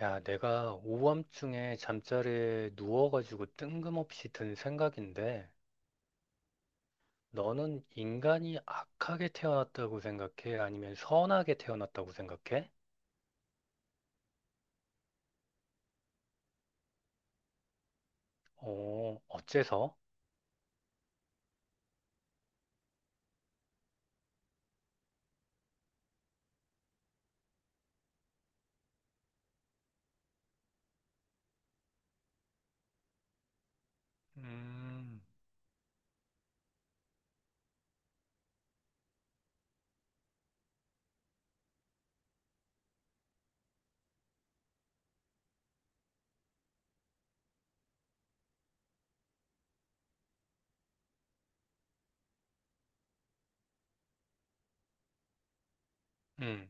야, 내가 오밤중에 잠자리에 누워가지고 뜬금없이 든 생각인데, 너는 인간이 악하게 태어났다고 생각해? 아니면 선하게 태어났다고 생각해? 어째서? 음, 음,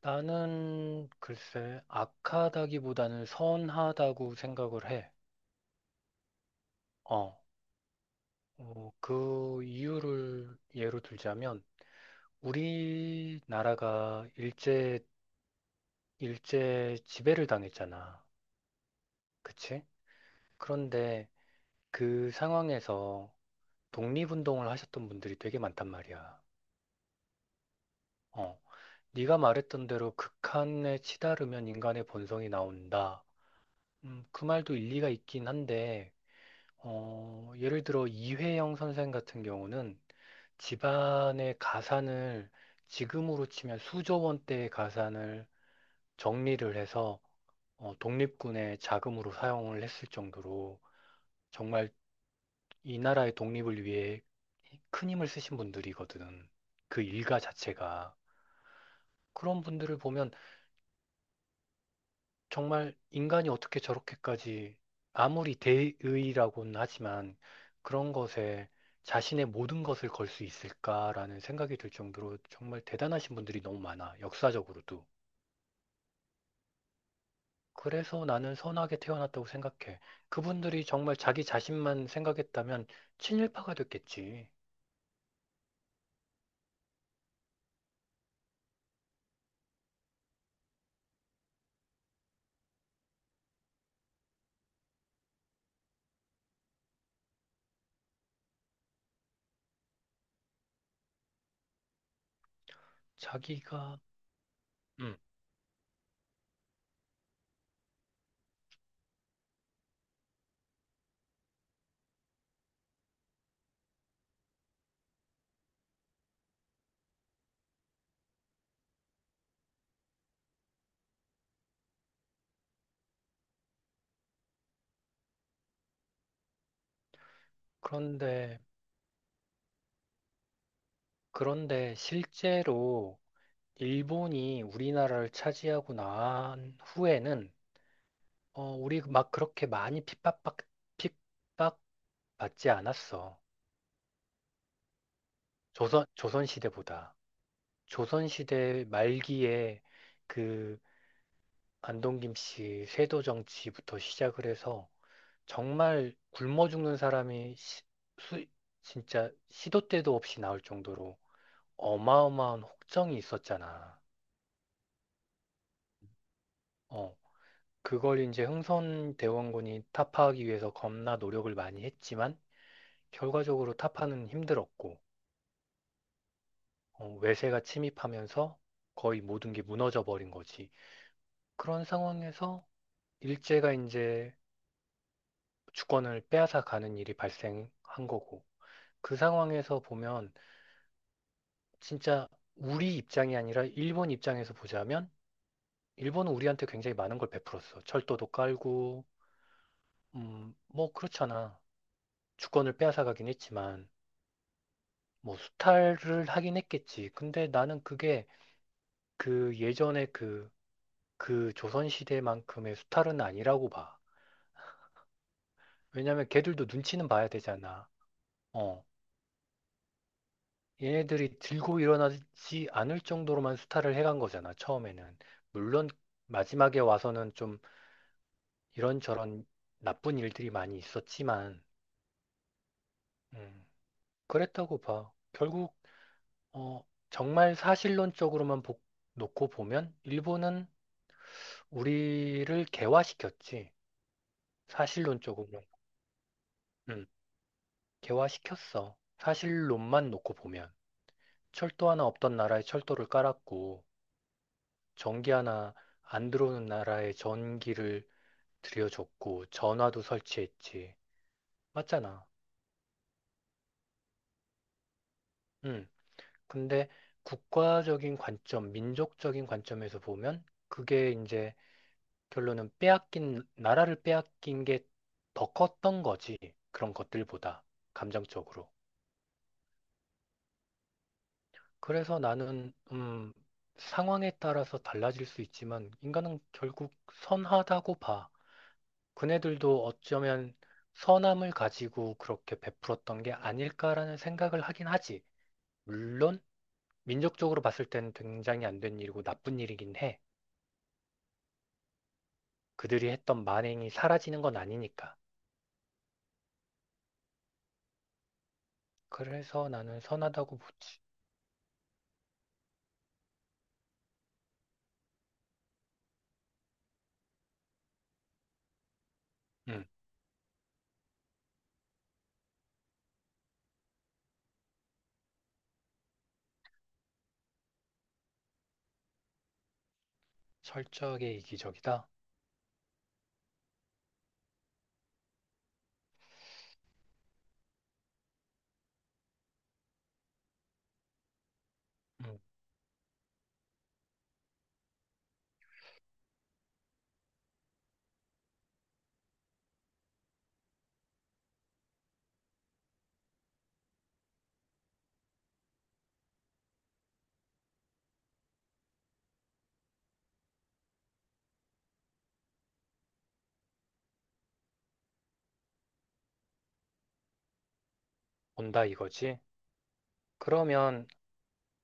나는 글쎄 악하다기보다는 선하다고 생각을 해. 어, 그 이유를 예로 들자면 우리나라가 일제 지배를 당했잖아. 그치? 그런데 그 상황에서 독립운동을 하셨던 분들이 되게 많단 말이야. 어, 네가 말했던 대로 극한에 치달으면 인간의 본성이 나온다. 그 말도 일리가 있긴 한데, 예를 들어 이회영 선생 같은 경우는 집안의 가산을 지금으로 치면 수조 원대의 가산을 정리를 해서 독립군의 자금으로 사용을 했을 정도로 정말 이 나라의 독립을 위해 큰 힘을 쓰신 분들이거든. 그 일가 자체가. 그런 분들을 보면 정말 인간이 어떻게 저렇게까지 아무리 대의라고는 하지만 그런 것에 자신의 모든 것을 걸 수 있을까라는 생각이 들 정도로 정말 대단하신 분들이 너무 많아. 역사적으로도. 그래서 나는 선하게 태어났다고 생각해. 그분들이 정말 자기 자신만 생각했다면 친일파가 됐겠지. 자기가, 음. 그런데 그런데 실제로 일본이 우리나라를 차지하고 난 후에는 어, 우리 막 그렇게 많이 핍박받지 않았어. 조선시대보다. 조선시대 말기에 그 안동김 씨 세도 정치부터 시작을 해서 정말 굶어 죽는 사람이 수- 진짜 시도 때도 없이 나올 정도로 어마어마한 혹정이 있었잖아. 어, 그걸 이제 흥선 대원군이 타파하기 위해서 겁나 노력을 많이 했지만 결과적으로 타파는 힘들었고, 외세가 침입하면서 거의 모든 게 무너져 버린 거지. 그런 상황에서 일제가 이제 주권을 빼앗아 가는 일이 발생한 거고, 그 상황에서 보면 진짜 우리 입장이 아니라 일본 입장에서 보자면 일본은 우리한테 굉장히 많은 걸 베풀었어. 철도도 깔고 뭐 그렇잖아. 주권을 빼앗아 가긴 했지만. 뭐 수탈을 하긴 했겠지. 근데 나는 그게 그 예전에 그 조선시대만큼의 수탈은 아니라고 봐. 왜냐면 걔들도 눈치는 봐야 되잖아. 어. 얘네들이 들고 일어나지 않을 정도로만 수탈을 해간 거잖아, 처음에는. 물론 마지막에 와서는 좀 이런저런 나쁜 일들이 많이 있었지만, 음, 그랬다고 봐. 결국, 어, 정말 놓고 보면 일본은 우리를 개화시켰지. 사실론적으로. 음, 개화시켰어. 사실론만 놓고 보면. 철도 하나 없던 나라에 철도를 깔았고, 전기 하나 안 들어오는 나라에 전기를 들여줬고, 전화도 설치했지. 맞잖아. 음, 근데 국가적인 관점, 민족적인 관점에서 보면, 그게 이제 결론은 나라를 빼앗긴 게 더 컸던 거지. 그런 것들보다. 감정적으로. 그래서 나는, 상황에 따라서 달라질 수 있지만, 인간은 결국 선하다고 봐. 그네들도 어쩌면 선함을 가지고 그렇게 베풀었던 게 아닐까라는 생각을 하긴 하지. 물론, 민족적으로 봤을 때는 굉장히 안 된 일이고 나쁜 일이긴 해. 그들이 했던 만행이 사라지는 건 아니니까. 그래서 나는 선하다고 보지. 음, 철저하게 이기적이다. 음, 온다 이거지. 그러면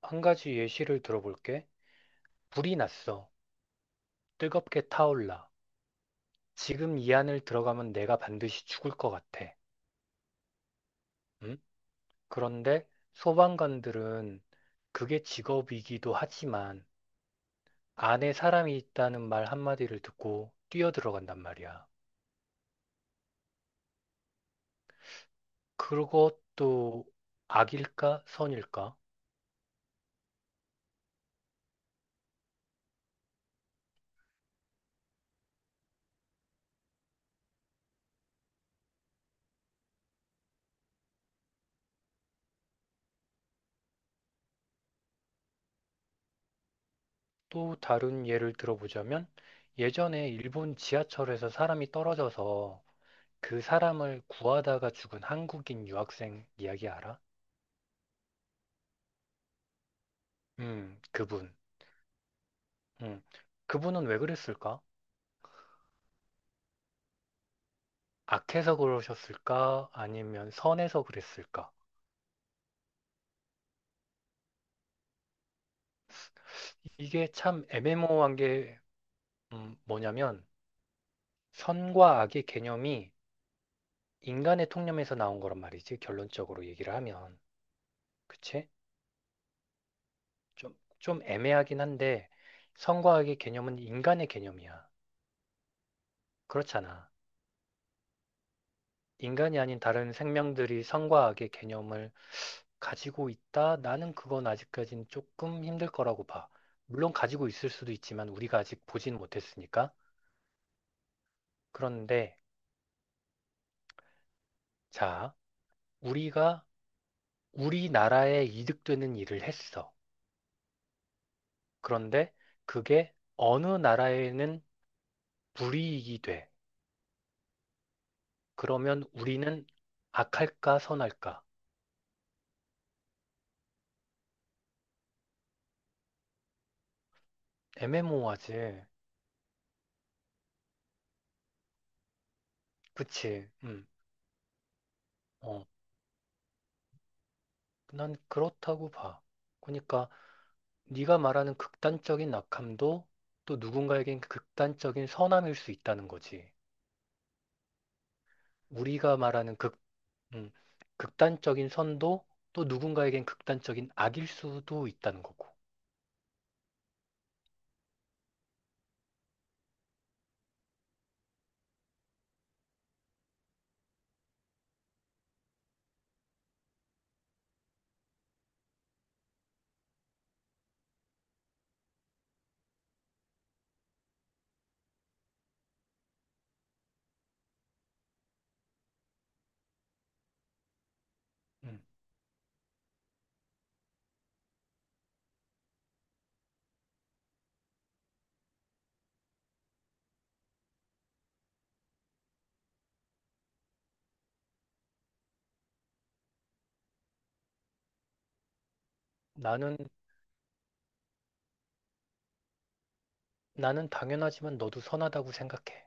한 가지 예시를 들어볼게. 불이 났어. 뜨겁게 타올라. 지금 이 안을 들어가면 내가 반드시 죽을 것 같아. 응? 그런데 소방관들은 그게 직업이기도 하지만 안에 사람이 있다는 말 한마디를 듣고 뛰어 들어간단 말이야. 그것도 악일까 선일까? 또 다른 예를 들어보자면 예전에 일본 지하철에서 사람이 떨어져서 그 사람을 구하다가 죽은 한국인 유학생 이야기 알아? 그분. 음. 그분은 왜 그랬을까? 악해서 그러셨을까? 아니면 선해서 그랬을까? 이게 참 애매모호한 게 뭐냐면 선과 악의 개념이 인간의 통념에서 나온 거란 말이지. 결론적으로 얘기를 하면. 그치? 좀 애매하긴 한데 선과 악의 개념은 인간의 개념이야. 그렇잖아. 인간이 아닌 다른 생명들이 선과 악의 개념을 가지고 있다? 나는 그건 아직까진 조금 힘들 거라고 봐. 물론 가지고 있을 수도 있지만 우리가 아직 보진 못했으니까. 그런데 자, 우리가 우리나라에 이득되는 일을 했어. 그런데 그게 어느 나라에는 불이익이 돼. 그러면 우리는 악할까 선할까? 애매모호하지. 그치? 음. 어, 난 그렇다고 봐. 그러니까 네가 말하는 극단적인 악함도 또 누군가에겐 극단적인 선함일 수 있다는 거지. 우리가 말하는 음, 극단적인 선도 또 누군가에겐 극단적인 악일 수도 있다는 거고. 음, 나는, 나는 당연하지만 너도 선하다고 생각해.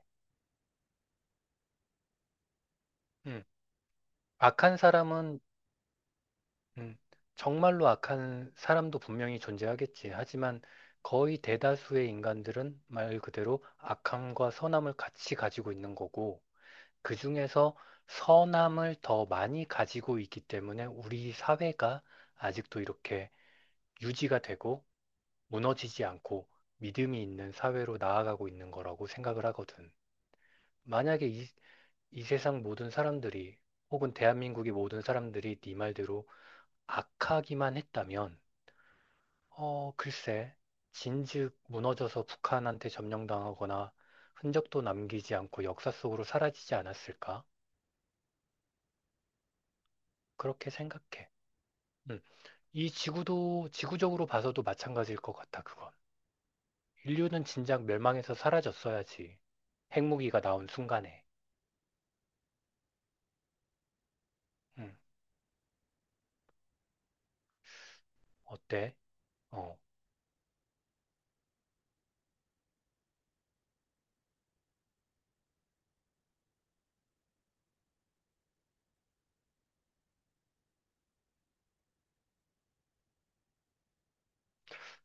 음, 악한 사람은, 음, 정말로 악한 사람도 분명히 존재하겠지. 하지만 거의 대다수의 인간들은 말 그대로 악함과 선함을 같이 가지고 있는 거고, 그 중에서 선함을 더 많이 가지고 있기 때문에 우리 사회가 아직도 이렇게 유지가 되고 무너지지 않고 믿음이 있는 사회로 나아가고 있는 거라고 생각을 하거든. 만약에 이 세상 모든 사람들이 혹은 대한민국의 모든 사람들이 네 말대로 악하기만 했다면, 어, 글쎄, 진즉 무너져서 북한한테 점령당하거나 흔적도 남기지 않고 역사 속으로 사라지지 않았을까? 그렇게 생각해. 음. 이 지구도 지구적으로 봐서도 마찬가지일 것 같아, 그건. 인류는 진작 멸망해서 사라졌어야지. 핵무기가 나온 순간에. 응, 어때? 어,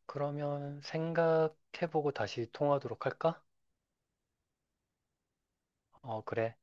그러면 생각해보고 다시 통화하도록 할까? 어, 그래.